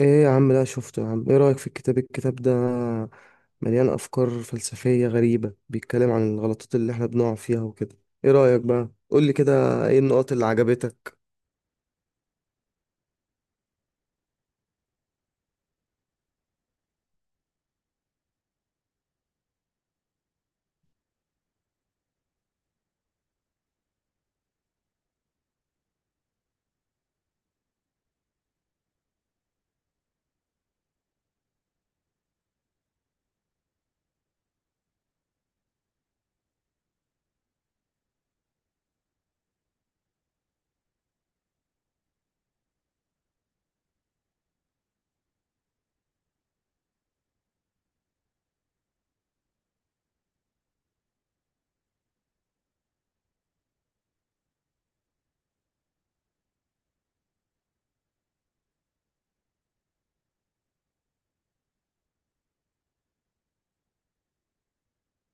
ايه يا عم ده شفته يا عم، ايه رأيك في الكتاب ده؟ مليان افكار فلسفية غريبة، بيتكلم عن الغلطات اللي احنا بنقع فيها وكده. ايه رأيك بقى؟ قولي كده. ايه النقط اللي عجبتك؟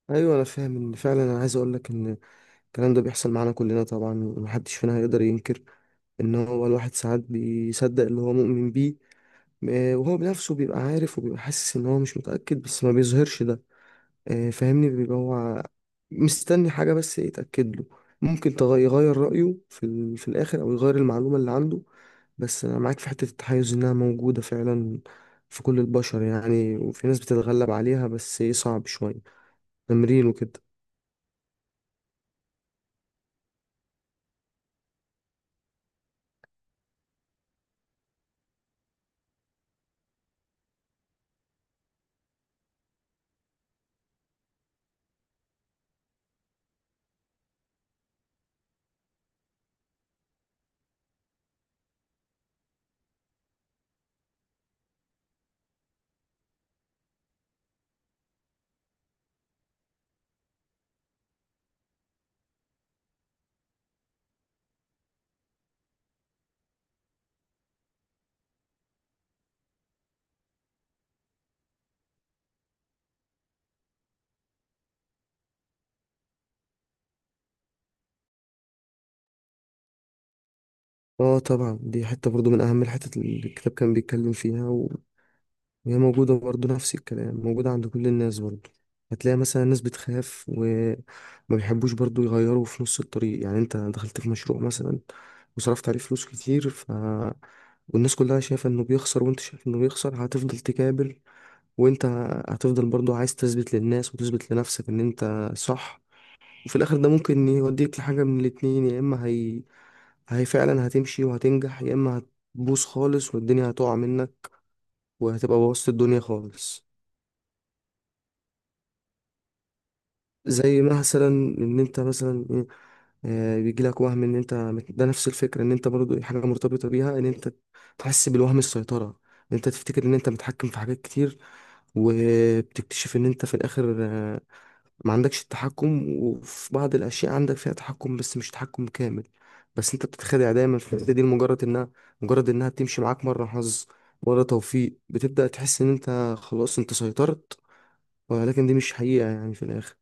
ايوه انا فاهم. ان فعلا انا عايز اقولك ان الكلام ده بيحصل معانا كلنا طبعا، ومحدش فينا هيقدر ينكر ان هو الواحد ساعات بيصدق اللي هو مؤمن بيه. وهو بنفسه بيبقى عارف وبيبقى حاسس ان هو مش متأكد، بس ما بيظهرش ده. فاهمني؟ بيبقى هو مستني حاجة بس يتأكد له، ممكن يغير رأيه في الآخر، أو يغير المعلومة اللي عنده. بس أنا معاك في حتة التحيز، إنها موجودة فعلا في كل البشر يعني، وفي ناس بتتغلب عليها، بس إيه، صعب شوية. تمرين وكده. اه طبعا، دي حتة برضو من أهم الحتت اللي الكتاب كان بيتكلم فيها، وهي موجودة برضه، نفس الكلام موجودة عند كل الناس برضه. هتلاقي مثلا ناس بتخاف وما بيحبوش برضه يغيروا في نص الطريق. يعني انت دخلت في مشروع مثلا وصرفت عليه فلوس كتير، ف... والناس كلها شايفة انه بيخسر، وانت شايف انه بيخسر، هتفضل تكابر، وانت هتفضل برضه عايز تثبت للناس وتثبت لنفسك ان انت صح. وفي الاخر ده ممكن يوديك لحاجة من الاتنين، يا اما هي فعلا هتمشي وهتنجح، يا اما هتبوظ خالص والدنيا هتقع منك، وهتبقى بوظت الدنيا خالص. زي مثلا ان انت مثلا ايه، بيجي لك وهم ان انت ده نفس الفكره، ان انت برضو حاجه مرتبطه بيها، ان انت تحس بالوهم، السيطره، ان انت تفتكر ان انت متحكم في حاجات كتير، وبتكتشف ان انت في الاخر ما عندكش التحكم. وفي بعض الاشياء عندك فيها تحكم بس مش تحكم كامل، بس انت بتتخدع دايما في الحته دي لمجرد انها بتمشي معاك مره حظ، مره توفيق، بتبدا تحس ان انت خلاص انت سيطرت، ولكن دي مش حقيقه يعني في الاخر.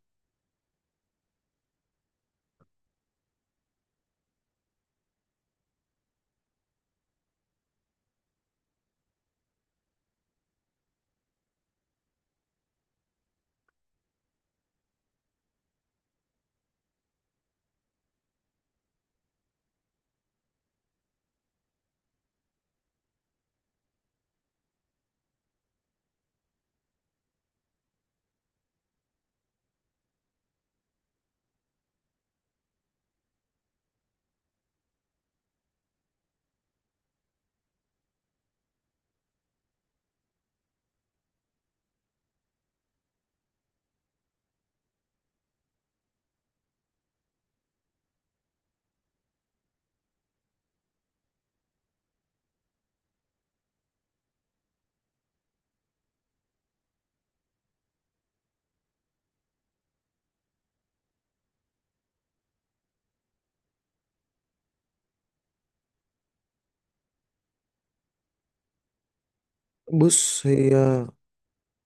بص، هي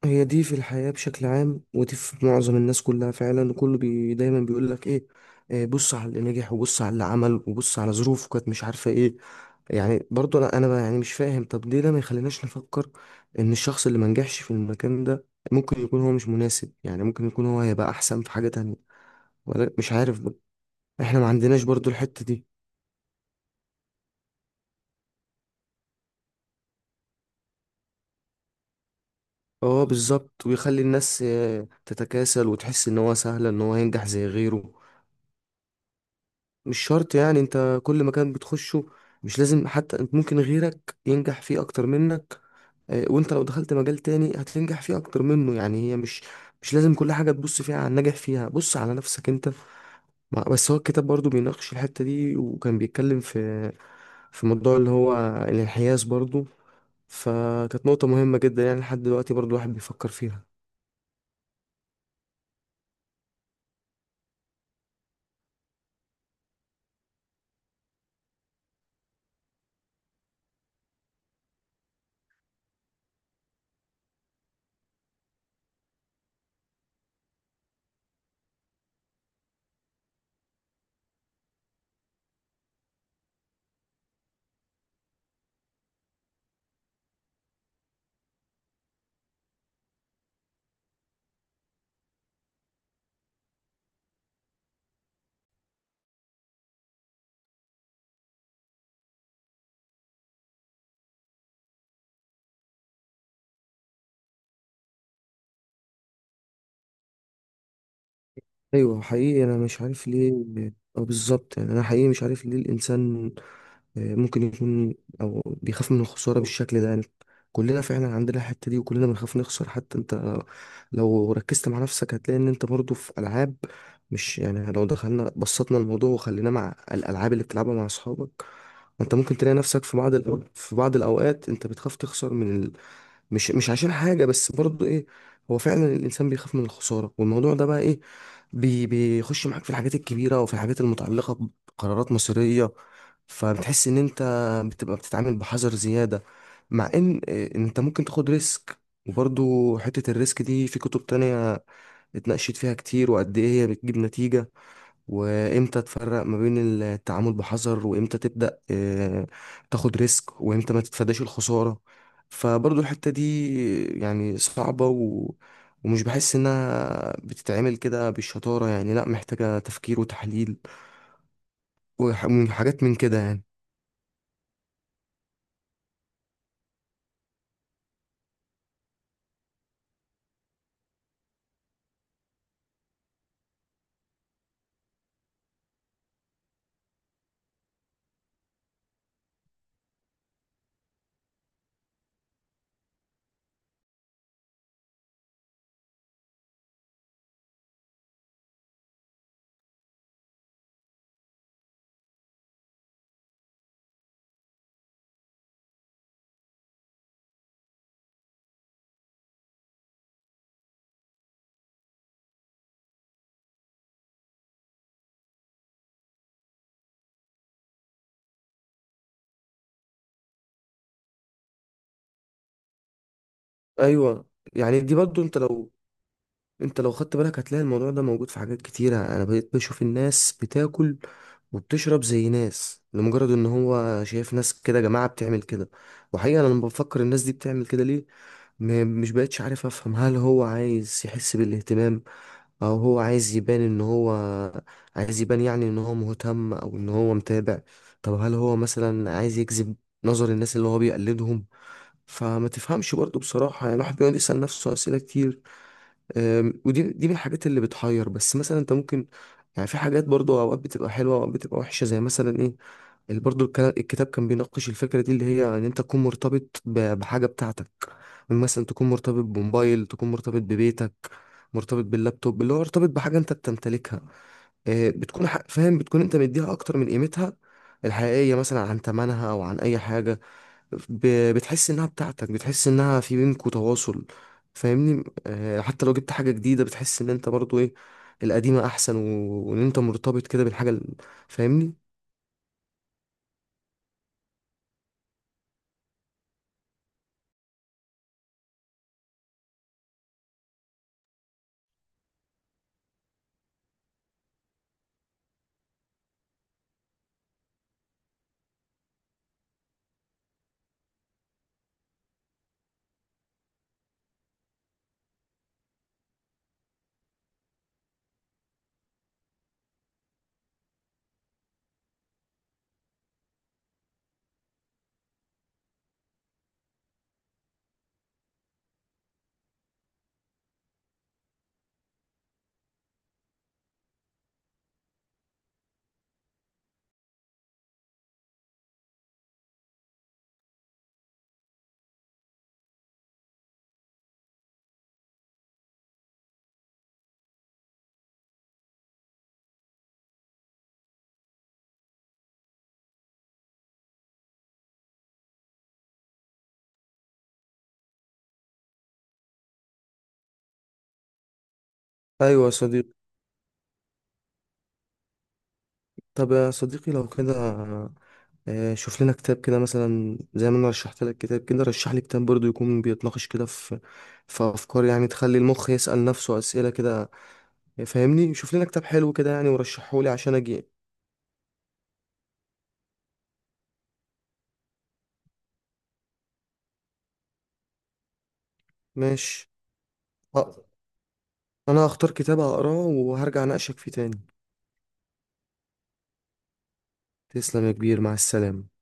هي دي في الحياة بشكل عام، ودي في معظم الناس كلها فعلا. وكله بي دايما بيقول لك ايه، إيه، بص على اللي نجح، وبص على اللي عمل، وبص على ظروفه كانت مش عارفة ايه. يعني برضو انا بقى يعني مش فاهم، طب ليه ده ما يخليناش نفكر ان الشخص اللي ما نجحش في المكان ده ممكن يكون هو مش مناسب، يعني ممكن يكون هو هيبقى احسن في حاجة تانية، ولا مش عارف بقى. احنا ما عندناش برضو الحتة دي. اه بالظبط، ويخلي الناس تتكاسل وتحس ان هو سهل ان هو ينجح زي غيره. مش شرط، يعني انت كل مكان بتخشه مش لازم حتى، ممكن غيرك ينجح فيه اكتر منك. وانت لو دخلت مجال تاني هتنجح فيه اكتر منه. يعني هي مش لازم كل حاجة تبص فيها على الناجح فيها، بص على نفسك انت. بس هو الكتاب برضو بيناقش الحتة دي، وكان بيتكلم في في موضوع اللي هو الانحياز برضو. فكانت نقطة مهمة جدا يعني، لحد دلوقتي برضو الواحد بيفكر فيها. ايوه حقيقي انا مش عارف ليه. اه بالظبط، يعني انا حقيقي مش عارف ليه الانسان ممكن يكون او بيخاف من الخساره بالشكل ده يعني. كلنا فعلا عندنا الحته دي، وكلنا بنخاف نخسر. حتى انت لو ركزت مع نفسك هتلاقي ان انت برضو في العاب، مش يعني، لو دخلنا بسطنا الموضوع وخليناه مع الالعاب اللي بتلعبها مع اصحابك، انت ممكن تلاقي نفسك في بعض الاوقات انت بتخاف تخسر من، مش عشان حاجة، بس برضه ايه، هو فعلا الانسان بيخاف من الخسارة. والموضوع ده بقى ايه، بيخش معاك في الحاجات الكبيرة، وفي الحاجات المتعلقة بقرارات مصيرية. فبتحس ان انت بتبقى بتتعامل بحذر زيادة، مع ان إيه، انت ممكن تاخد ريسك. وبرضه حتة الريسك دي في كتب تانية اتناقشت فيها كتير، وقد ايه هي بتجيب نتيجة، وامتى تفرق ما بين التعامل بحذر، وامتى تبدأ تاخد ريسك، وامتى ما تتفاداش الخسارة. فبرضو الحتة دي يعني صعبة. ومش بحس انها بتتعمل كده بالشطارة، يعني لا، محتاجة تفكير وتحليل وحاجات من كده يعني. ايوه، يعني دي برضو، انت لو خدت بالك هتلاقي الموضوع ده موجود في حاجات كتيرة. انا بقيت بشوف الناس بتاكل وبتشرب زي ناس لمجرد ان هو شايف ناس كده، جماعة بتعمل كده. وحقيقة انا لما بفكر الناس دي بتعمل كده ليه، مش بقتش عارف افهم. هل هو عايز يحس بالاهتمام، او هو عايز يبان ان هو، عايز يبان يعني ان هو مهتم او ان هو متابع؟ طب هل هو مثلا عايز يجذب نظر الناس اللي هو بيقلدهم؟ فما تفهمش برضه بصراحة، يعني الواحد بيقعد يسأل نفسه أسئلة كتير. ودي من الحاجات اللي بتحير. بس مثلا انت ممكن يعني، في حاجات برضو اوقات بتبقى حلوه، اوقات بتبقى وحشه، زي مثلا ايه، اللي برضو الكتاب كان بيناقش الفكره دي، اللي هي ان انت تكون مرتبط بحاجه بتاعتك. مثلا تكون مرتبط بموبايل، تكون مرتبط ببيتك، مرتبط باللابتوب، اللي هو مرتبط بحاجه انت بتمتلكها. فاهم، بتكون انت مديها اكتر من قيمتها الحقيقيه، مثلا عن ثمنها او عن اي حاجه. بتحس انها بتاعتك، بتحس انها في بينكوا تواصل. فاهمني؟ حتى لو جبت حاجة جديدة بتحس ان انت برضو ايه، القديمة احسن. وان انت مرتبط كده بالحاجة فاهمني؟ ايوه يا صديقي. طب يا صديقي لو كده، شوف لنا كتاب كده، مثلا زي ما انا رشحت لك كتاب كده، رشح لي كتاب برضو يكون بيتناقش كده في في افكار يعني تخلي المخ يسأل نفسه اسئلة كده. فاهمني؟ شوف لنا كتاب حلو كده يعني، ورشحه لي عشان اجي. ماشي. آه، انا هختار كتاب هقراه وهرجع اناقشك فيه تاني. تسلم يا كبير، مع السلامة.